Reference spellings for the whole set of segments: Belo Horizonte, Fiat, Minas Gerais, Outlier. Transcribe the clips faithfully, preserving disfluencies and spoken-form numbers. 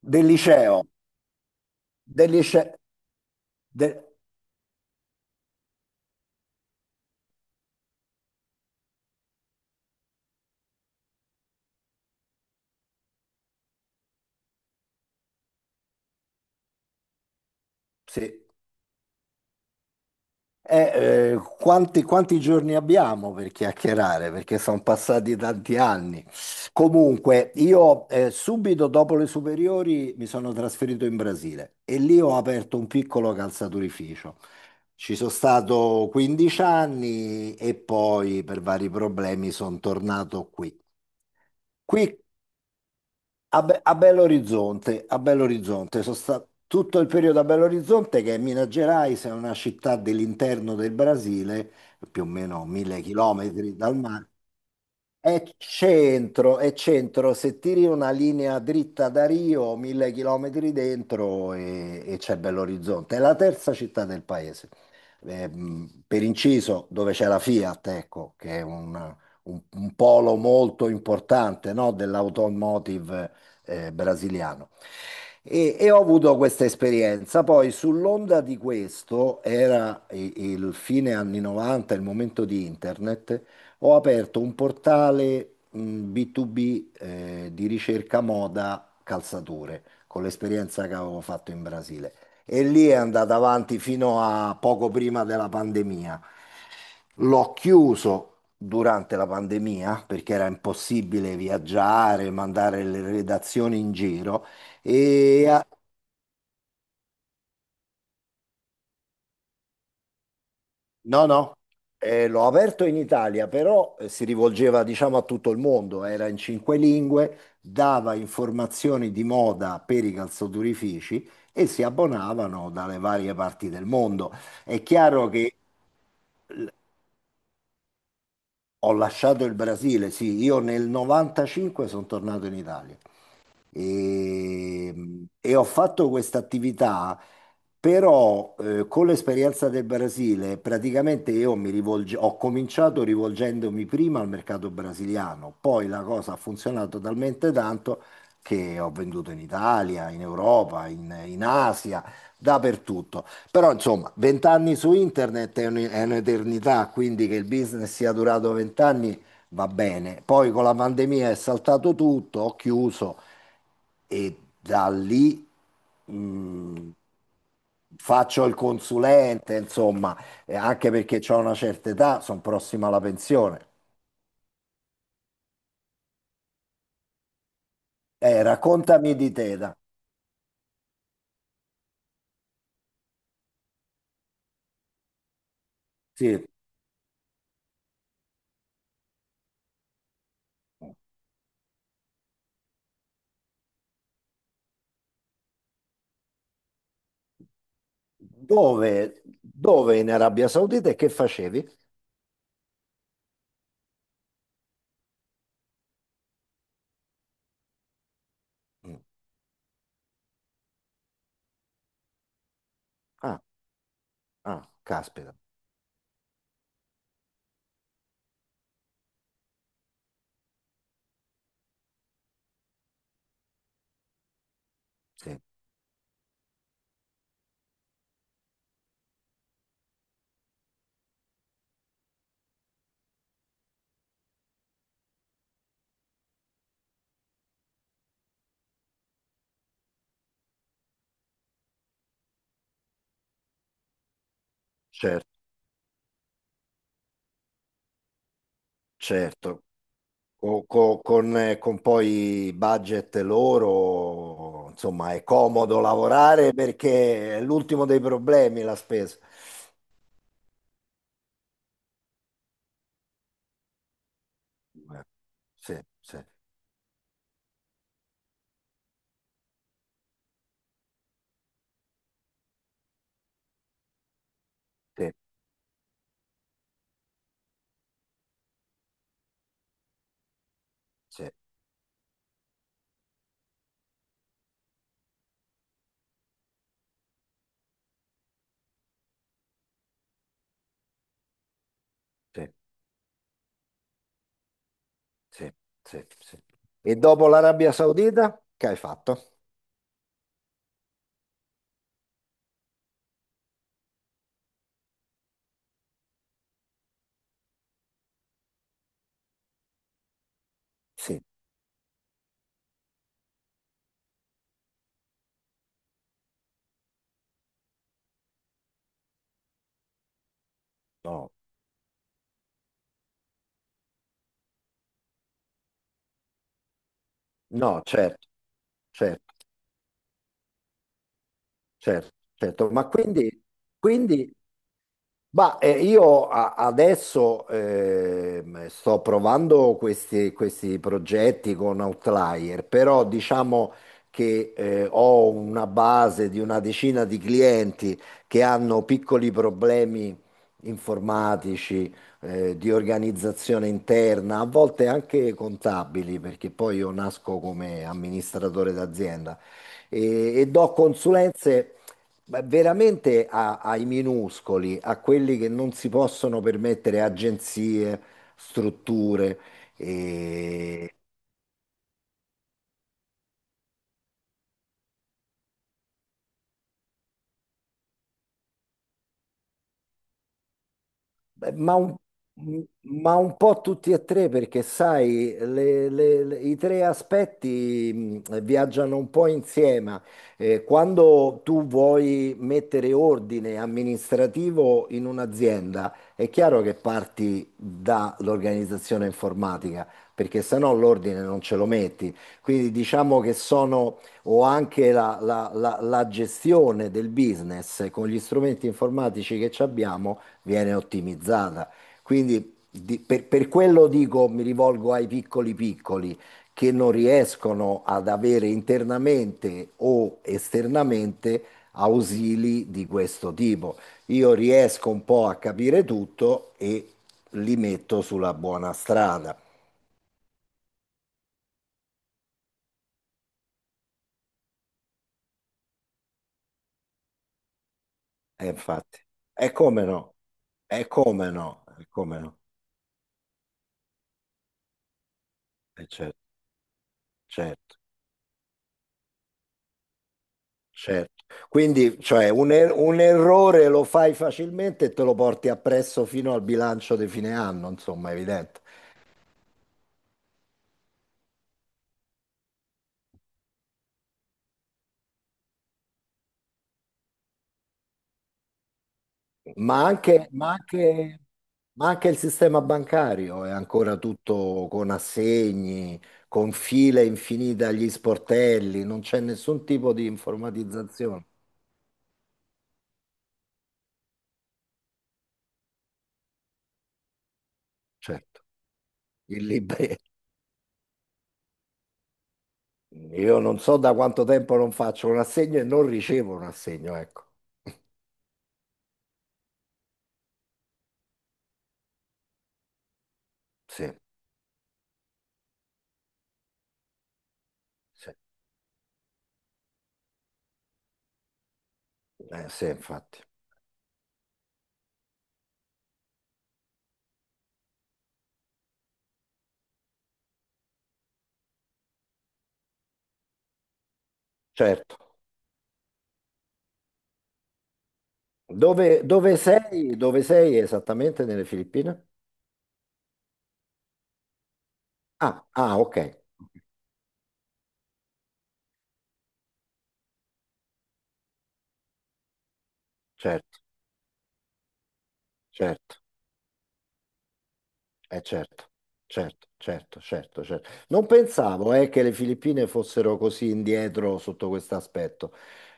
Del liceo, del lice- de- Sì. Eh, eh, quanti, quanti giorni abbiamo per chiacchierare? Perché sono passati tanti anni. Comunque, io eh, subito dopo le superiori mi sono trasferito in Brasile e lì ho aperto un piccolo calzaturificio. Ci sono stato quindici anni e poi per vari problemi sono tornato qui. Qui A, Be- a Belo Horizonte, a Belo Horizonte, sono stato tutto il periodo a Belo Horizonte, che è Minas Gerais, è una città dell'interno del Brasile, più o meno mille chilometri dal mare. È centro, è centro, se tiri una linea dritta da Rio, mille chilometri dentro e, e c'è Bell'Orizzonte. È la terza città del paese. Ehm, per inciso, dove c'è la Fiat, ecco, che è un, un- un polo molto importante, no, dell'automotive eh, brasiliano. E, e ho avuto questa esperienza. Poi, sull'onda di questo, era i- il fine anni novanta, il momento di internet. Ho aperto un portale mh, B due B eh, di ricerca moda calzature con l'esperienza che avevo fatto in Brasile e lì è andata avanti fino a poco prima della pandemia. L'ho chiuso durante la pandemia perché era impossibile viaggiare, mandare le redazioni in giro e a- no, no, eh, l'ho aperto in Italia, però eh, si rivolgeva, diciamo, a tutto il mondo, era in cinque lingue, dava informazioni di moda per i calzaturifici e si abbonavano dalle varie parti del mondo. È chiaro che l- ho lasciato il Brasile, sì, io nel novantacinque sono tornato in Italia. E, e ho fatto questa attività, però eh, con l'esperienza del Brasile, praticamente io mi rivolge- ho cominciato rivolgendomi prima al mercato brasiliano, poi la cosa ha funzionato talmente tanto che ho venduto in Italia, in Europa, in, in Asia, dappertutto. Però insomma, vent'anni su internet è un- è un'eternità, quindi che il business sia durato vent'anni va bene. Poi con la pandemia è saltato tutto, ho chiuso e da lì mh, faccio il consulente, insomma, e anche perché ho una certa età, sono prossima alla pensione. Eh, raccontami di te, da. Sì. Dove, dove in Arabia Saudita e che facevi? Mm. Ah, ah, caspita, sì, certo, certo. Co- co- con, eh, con poi budget loro, insomma, è comodo lavorare perché è l'ultimo dei problemi la spesa. Eh, Sì, sì, sì, sì, sì, sì, sì, sì. E dopo l'Arabia Saudita, che hai fatto? Sì, no, no, certo, certo, certo, certo. Ma quindi, quindi ma eh, io a- adesso ehm, sto provando questi, questi progetti con Outlier, però diciamo che eh, ho una base di una decina di clienti che hanno piccoli problemi informatici, eh, di organizzazione interna, a volte anche contabili, perché poi io nasco come amministratore d'azienda e, e do consulenze ma veramente a- ai minuscoli, a quelli che non si possono permettere agenzie, strutture. Beh, Ma un, ma un po' tutti e tre, perché sai, le- le- le- i tre aspetti mh, viaggiano un po' insieme. Eh, quando tu vuoi mettere ordine amministrativo in un'azienda, è chiaro che parti dall'organizzazione informatica, perché se no l'ordine non ce lo metti. Quindi diciamo che sono, o anche la la- la- la gestione del business con gli strumenti informatici che ci abbiamo viene ottimizzata. Quindi di- per, per quello dico, mi rivolgo ai piccoli piccoli che non riescono ad avere internamente o esternamente ausili di questo tipo. Io riesco un po' a capire tutto e li metto sulla buona strada. E infatti, è come no, è come no, è come no, è certo, certo. Certo. Quindi, cioè, un, er- un errore lo fai facilmente e te lo porti appresso fino al bilancio di fine anno, insomma, è evidente. Ma anche, ma anche- ma anche il sistema bancario è ancora tutto con assegni, con file infinite agli sportelli, non c'è nessun tipo di informatizzazione. Certo, il libro. Io non so da quanto tempo non faccio un assegno e non ricevo un assegno, ecco. Sì, sì, eh, sì, infatti. Certo. Dove, dove sei? Dove sei esattamente nelle Filippine? Ah, ah, ok. Certo, certo, eh, certo, certo, certo, certo, certo. Non pensavo, eh, che le Filippine fossero così indietro sotto questo aspetto.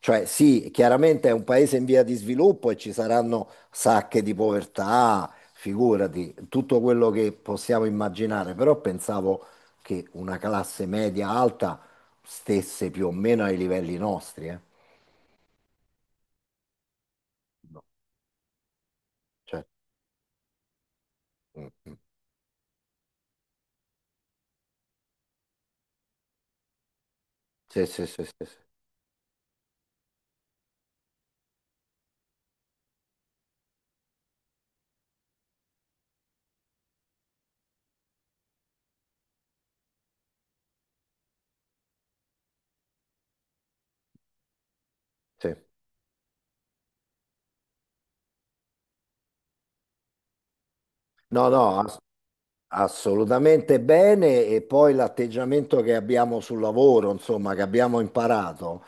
Cioè, sì, chiaramente è un paese in via di sviluppo e ci saranno sacche di povertà, figurati, tutto quello che possiamo immaginare, però pensavo che una classe media alta stesse più o meno ai livelli nostri, eh. Cioè, mm. Sì, sì, sì, sì, sì, sì. No, no, ass- Assolutamente bene. E poi l'atteggiamento che abbiamo sul lavoro, insomma, che abbiamo imparato,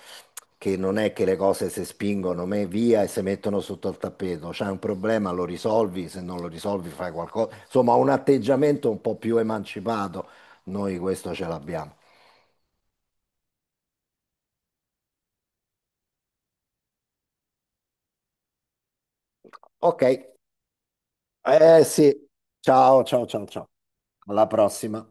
che non è che le cose si spingono me- via e si mettono sotto al tappeto. C'è un problema, lo risolvi, se non lo risolvi fai qualcosa. Insomma, un atteggiamento un po' più emancipato. Noi questo ce l'abbiamo. Ok, eh sì. Ciao, ciao, ciao, ciao. Alla prossima.